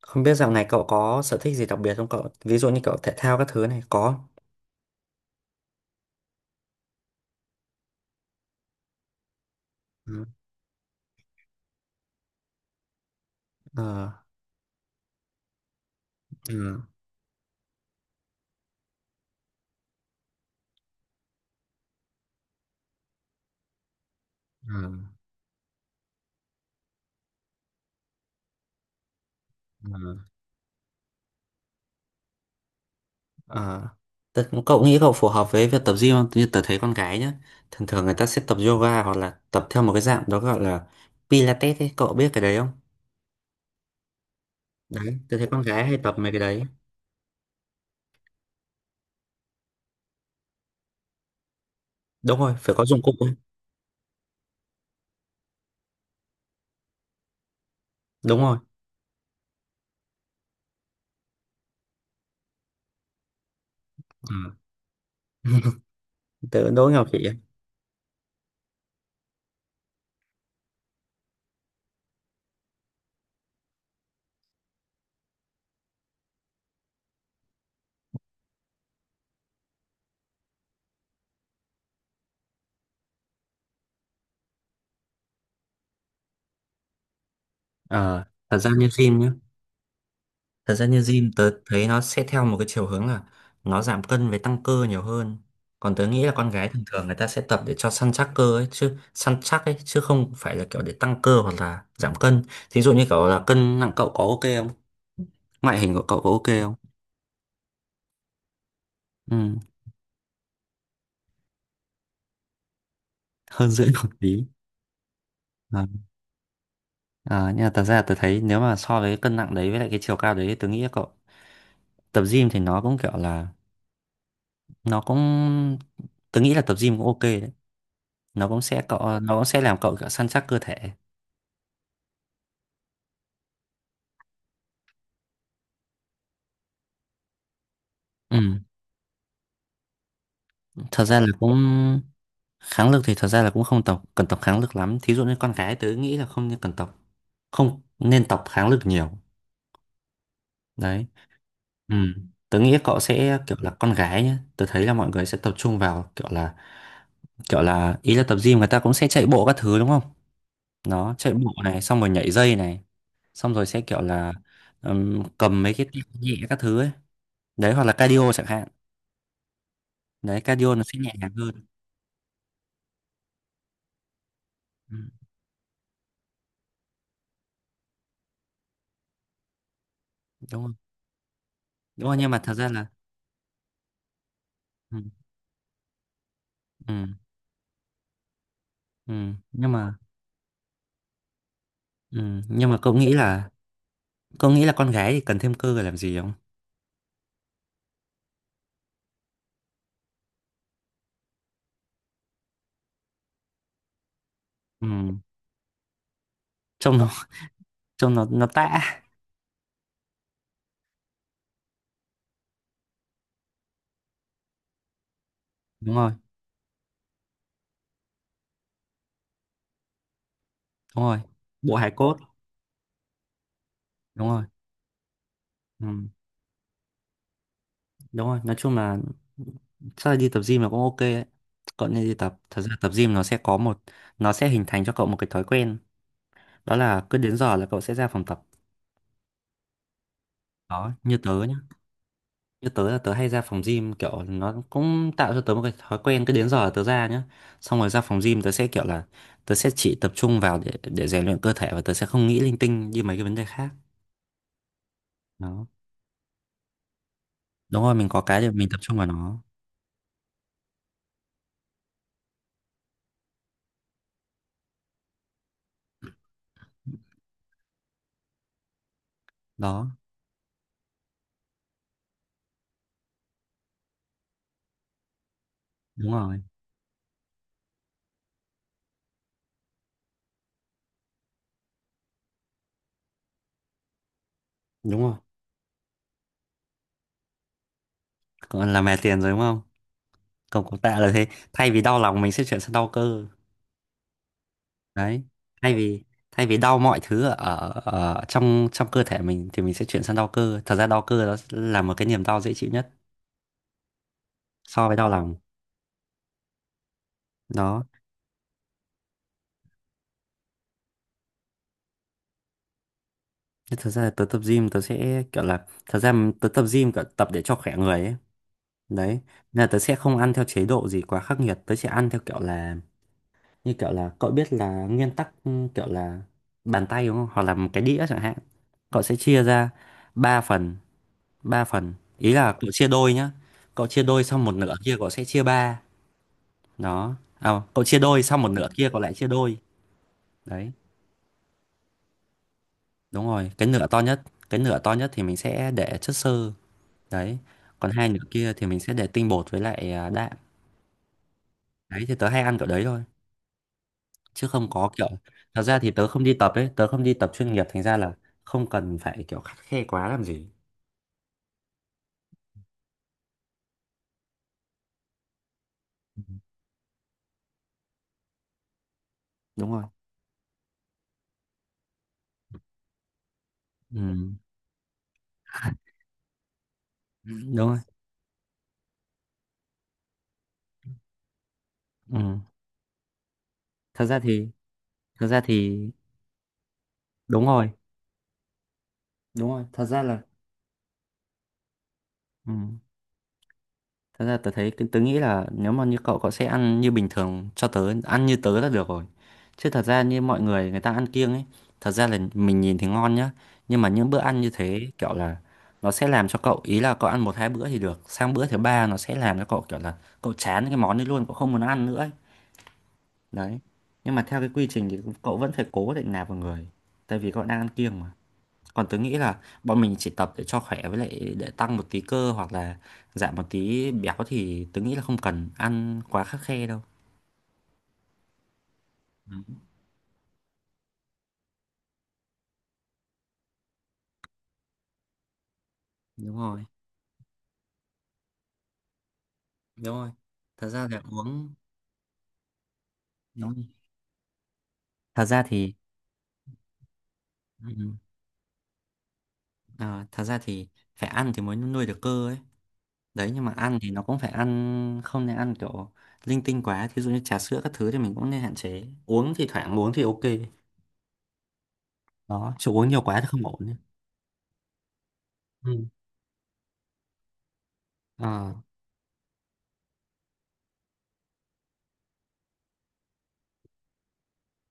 Không biết dạo này cậu có sở thích gì đặc biệt không cậu? Ví dụ như cậu thể thao các thứ này có. Ừ. Ờ. Ừ. Ừ. Ừ. Ờ. Cậu nghĩ cậu phù hợp với việc tập gym không? Như tớ thấy con gái nhá. Thường thường người ta sẽ tập yoga hoặc là tập theo một cái dạng đó gọi là Pilates ấy. Cậu biết cái đấy không? Đấy, tớ thấy con gái hay tập mấy cái đấy. Đúng rồi, phải có dụng cụ ấy. Đúng rồi. Ừ. Tớ đố Ngọc chị ấy. Ờ. Thật ra như gym nhá. Thật ra như gym tớ thấy nó sẽ theo một cái chiều hướng là nó giảm cân với tăng cơ nhiều hơn. Còn tớ nghĩ là con gái thường thường người ta sẽ tập để cho săn chắc cơ ấy, chứ săn chắc ấy chứ không phải là kiểu để tăng cơ hoặc là giảm cân. Thí dụ như kiểu là cân nặng cậu có ok không? Ngoại hình của cậu có ok không? Ừ, hơn rưỡi một tí. Ờ, ờ, nhưng mà thật ra tôi thấy nếu mà so với cái cân nặng đấy với lại cái chiều cao đấy tôi nghĩ là cậu tập gym thì nó cũng kiểu là nó cũng tôi nghĩ là tập gym cũng ok đấy. Nó cũng sẽ cậu nó cũng sẽ làm cậu kiểu săn chắc cơ thể. Ừ, thật ra là cũng kháng lực thì thật ra là cũng không tộc cần tập kháng lực lắm, thí dụ như con gái tớ nghĩ là không nên cần tập, không nên tập kháng lực nhiều. Đấy. Ừ. Tớ nghĩ cậu sẽ kiểu là con gái nhá, tớ thấy là mọi người sẽ tập trung vào kiểu là ý là tập gym người ta cũng sẽ chạy bộ các thứ đúng không, nó chạy bộ này xong rồi nhảy dây này xong rồi sẽ kiểu là, cầm mấy cái tạ nhẹ các thứ ấy. Đấy, hoặc là cardio chẳng hạn. Đấy, cardio nó sẽ nhẹ nhàng hơn. Ừ, đúng rồi. Đúng rồi, nhưng mà thật ra là ừ, ừ, ừ, nhưng mà ừ, nhưng mà cậu nghĩ là con gái thì cần thêm cơ để làm gì không? Ừ, trông nó trông nó nó tã. Đúng rồi. Đúng rồi, bộ hài cốt. Đúng rồi. Ừ, đúng rồi, nói chung là chắc là đi tập gym là cũng ok đấy. Cậu nên đi tập, thật ra tập gym nó sẽ có một, nó sẽ hình thành cho cậu một cái thói quen, đó là cứ đến giờ là cậu sẽ ra phòng tập. Đó, như tớ nhá, như tớ là tớ hay ra phòng gym kiểu nó cũng tạo cho tớ một cái thói quen cứ đến giờ là tớ ra nhá, xong rồi ra phòng gym tớ sẽ kiểu là tớ sẽ chỉ tập trung vào để rèn luyện cơ thể và tớ sẽ không nghĩ linh tinh như mấy cái vấn đề khác. Đó, đúng rồi, mình có cái để mình tập trung vào nó. Đó, đúng rồi. Đúng rồi, còn là mè tiền rồi đúng không, còn cổ tạ là thế, thay vì đau lòng mình sẽ chuyển sang đau cơ. Đấy, thay vì, thay vì đau mọi thứ ở, ở trong, cơ thể mình thì mình sẽ chuyển sang đau cơ, thật ra đau cơ đó là một cái niềm đau dễ chịu nhất so với đau lòng. Đó, thế thật ra là tớ tập gym tớ sẽ kiểu là, thật ra tớ tập gym kiểu tập để cho khỏe người ấy. Đấy, nên là tớ sẽ không ăn theo chế độ gì quá khắc nghiệt. Tớ sẽ ăn theo kiểu là, như kiểu là cậu biết là nguyên tắc ừ, kiểu là bàn tay đúng không? Hoặc là một cái đĩa chẳng hạn. Cậu sẽ chia ra 3 phần, 3 phần. Ý là cậu chia đôi nhá, cậu chia đôi xong một nửa kia cậu sẽ chia ba. Đó, à cậu chia đôi xong một nửa kia cậu lại chia đôi. Đấy, đúng rồi. Cái nửa to nhất, cái nửa to nhất thì mình sẽ để chất xơ. Đấy, còn hai nửa kia thì mình sẽ để tinh bột với lại đạm. Đấy thì tớ hay ăn kiểu đấy thôi, chứ không có kiểu, thật ra thì tớ không đi tập ấy, tớ không đi tập chuyên nghiệp thành ra là không cần phải kiểu khắt khe quá làm gì. Đúng rồi. Ừ. Đúng rồi. Ừ. Thật ra thì, thật ra thì, đúng rồi, đúng rồi, thật ra là ừ. Thật ra tớ thấy, tớ nghĩ là nếu mà như cậu, cậu sẽ ăn như bình thường cho tớ, ăn như tớ là được rồi, chứ thật ra như mọi người, người ta ăn kiêng ấy, thật ra là mình nhìn thì ngon nhá, nhưng mà những bữa ăn như thế kiểu là nó sẽ làm cho cậu, ý là cậu ăn một hai bữa thì được, sang bữa thứ ba nó sẽ làm cho cậu kiểu là cậu chán cái món đấy luôn, cậu không muốn ăn nữa ấy. Đấy, nhưng mà theo cái quy trình thì cậu vẫn phải cố định nạp vào người, tại vì cậu đang ăn kiêng mà. Còn tớ nghĩ là bọn mình chỉ tập để cho khỏe với lại để tăng một tí cơ hoặc là giảm một tí béo thì tớ nghĩ là không cần ăn quá khắt khe đâu. Đúng rồi. Đúng rồi, thật ra là uống. Đúng rồi, thật ra thì ừ, ờ, thật ra thì phải ăn thì mới nuôi được cơ ấy. Đấy, nhưng mà ăn thì nó cũng phải ăn, không nên ăn kiểu linh tinh quá, thí dụ như trà sữa các thứ thì mình cũng nên hạn chế uống, thì thoảng uống thì ok. Đó, chứ uống nhiều quá thì không ổn ấy. Ừ. Ờ,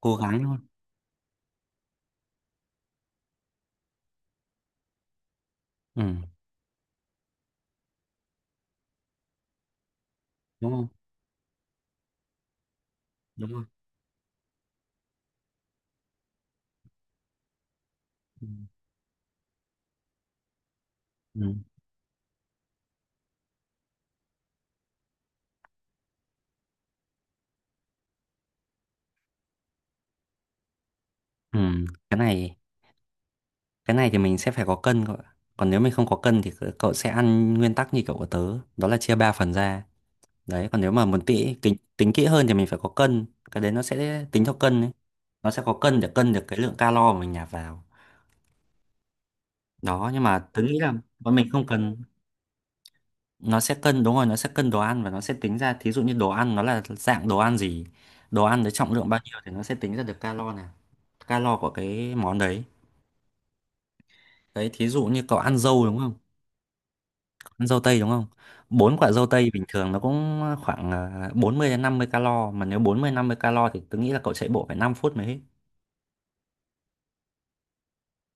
cố gắng thôi. Ừ, đúng không? Đúng rồi. Ừ. Ừ. Ừ, cái này, cái này thì mình sẽ phải có cân cậu ạ. Còn nếu mình không có cân thì cậu, cậu sẽ ăn nguyên tắc như kiểu của tớ, đó là chia 3 phần ra. Đấy, còn nếu mà muốn tỉ tính kỹ hơn thì mình phải có cân, cái đấy nó sẽ tính theo cân ấy. Nó sẽ có cân để cân được cái lượng calo mà mình nạp vào. Đó, nhưng mà tớ nghĩ là bọn mình không cần. Nó sẽ cân đúng rồi, nó sẽ cân đồ ăn và nó sẽ tính ra, thí dụ như đồ ăn nó là dạng đồ ăn gì, đồ ăn với trọng lượng bao nhiêu thì nó sẽ tính ra được calo này, calo của cái món đấy. Đấy, thí dụ như cậu ăn dâu đúng không? Ăn dâu tây đúng không? Bốn quả dâu tây bình thường nó cũng khoảng 40 đến 50 calo, mà nếu 40 50 calo thì tôi nghĩ là cậu chạy bộ phải 5 phút mới hết.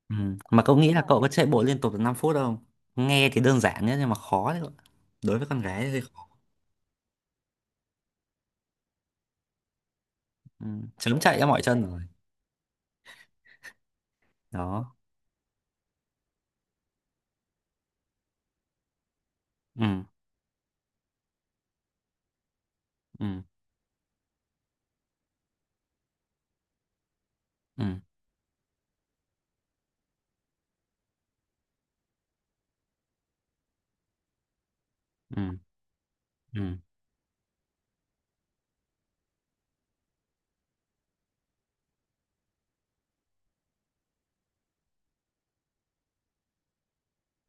Ừ. Mà cậu nghĩ là cậu có chạy bộ liên tục được 5 phút không? Nghe thì đơn giản nhé nhưng mà khó đấy. Cậu, đối với con gái thì hơi khó. Ừ. Chớm chạy ra mỏi chân rồi. Đó. Ừ. Ừ. Ừ. Ừ. Ừ.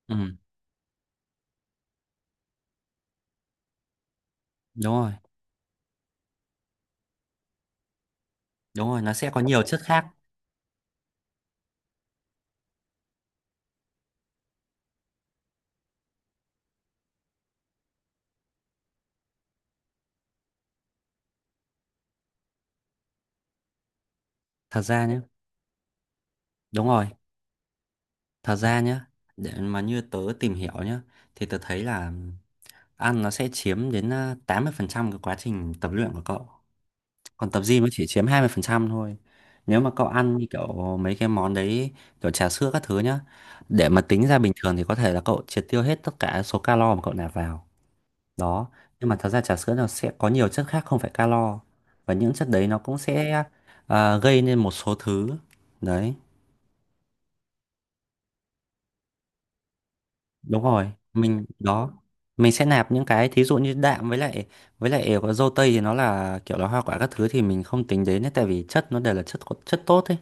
Ừ. Đúng rồi. Đúng rồi, nó sẽ có nhiều chất khác. Thật ra nhé. Đúng rồi. Thật ra nhé, để mà như tớ tìm hiểu nhé thì tớ thấy là ăn nó sẽ chiếm đến 80% cái quá trình tập luyện của cậu. Còn tập gym nó chỉ chiếm 20% thôi. Nếu mà cậu ăn như kiểu mấy cái món đấy, kiểu trà sữa các thứ nhá, để mà tính ra bình thường thì có thể là cậu triệt tiêu hết tất cả số calo mà cậu nạp vào. Đó. Nhưng mà thật ra trà sữa nó sẽ có nhiều chất khác không phải calo. Và những chất đấy nó cũng sẽ gây nên một số thứ. Đấy, đúng rồi. Mình đó, mình sẽ nạp những cái thí dụ như đạm với lại, với lại có dâu tây thì nó là kiểu là hoa quả các thứ thì mình không tính đến ấy, tại vì chất nó đều là chất, chất tốt ấy.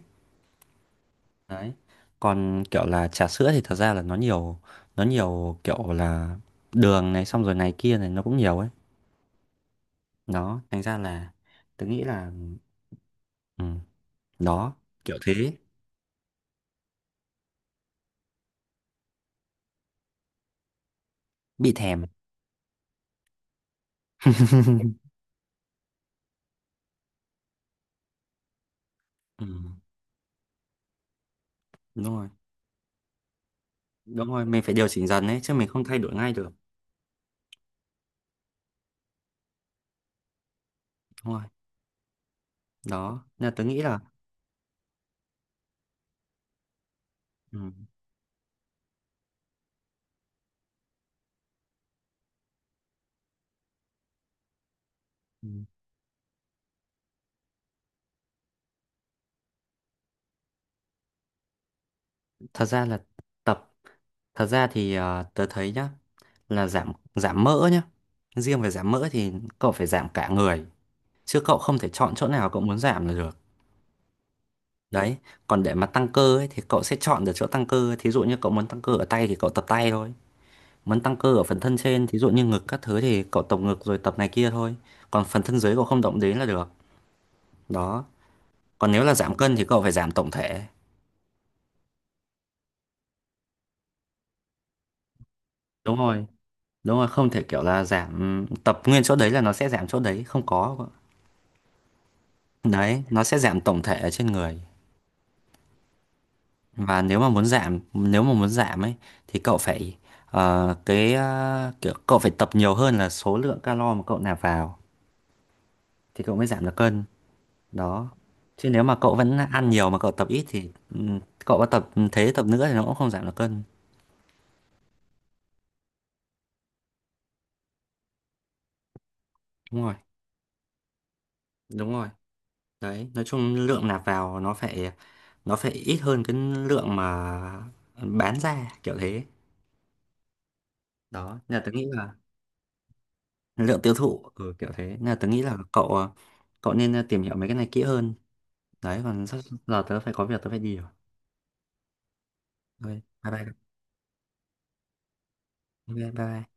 Đấy, còn kiểu là trà sữa thì thật ra là nó nhiều, nó nhiều kiểu là đường này xong rồi này kia này nó cũng nhiều ấy. Đó thành ra là tớ nghĩ là ừ. Đó, kiểu thế. Bị thèm. Ừ, đúng rồi. Đúng rồi, mình phải điều chỉnh dần ấy chứ mình không thay đổi ngay được. Đúng rồi. Đó nên là tớ nghĩ là ừ. Ừ. Thật ra là tập, thật ra thì ờ, tớ thấy nhá, là giảm, giảm mỡ nhá, riêng về giảm mỡ thì cậu phải giảm cả người chứ cậu không thể chọn chỗ nào cậu muốn giảm là được. Đấy, còn để mà tăng cơ ấy thì cậu sẽ chọn được chỗ tăng cơ, thí dụ như cậu muốn tăng cơ ở tay thì cậu tập tay thôi, muốn tăng cơ ở phần thân trên thí dụ như ngực các thứ thì cậu tập ngực rồi tập này kia thôi, còn phần thân dưới cậu không động đến là được. Đó, còn nếu là giảm cân thì cậu phải giảm tổng thể. Đúng rồi, đúng rồi, không thể kiểu là giảm, tập nguyên chỗ đấy là nó sẽ giảm chỗ đấy, không có. Đấy, nó sẽ giảm tổng thể ở trên người. Và nếu mà muốn giảm, nếu mà muốn giảm ấy thì cậu phải ờ, cái ờ, kiểu cậu phải tập nhiều hơn là số lượng calo mà cậu nạp vào thì cậu mới giảm được cân. Đó. Chứ nếu mà cậu vẫn ăn nhiều mà cậu tập ít thì ừ, cậu có tập ừ, thế tập nữa thì nó cũng không giảm được cân. Đúng rồi, đúng rồi. Đấy, nói chung lượng nạp vào nó phải, nó phải ít hơn cái lượng mà bán ra kiểu thế. Đó, nên là tớ nghĩ là lượng tiêu thụ ừ, kiểu thế, nên là tớ nghĩ là cậu à, cậu nên tìm hiểu mấy cái này kỹ hơn. Đấy, còn sắp giờ tớ phải có việc, tớ phải đi rồi. Ok, bye bye. Ok, bye bye.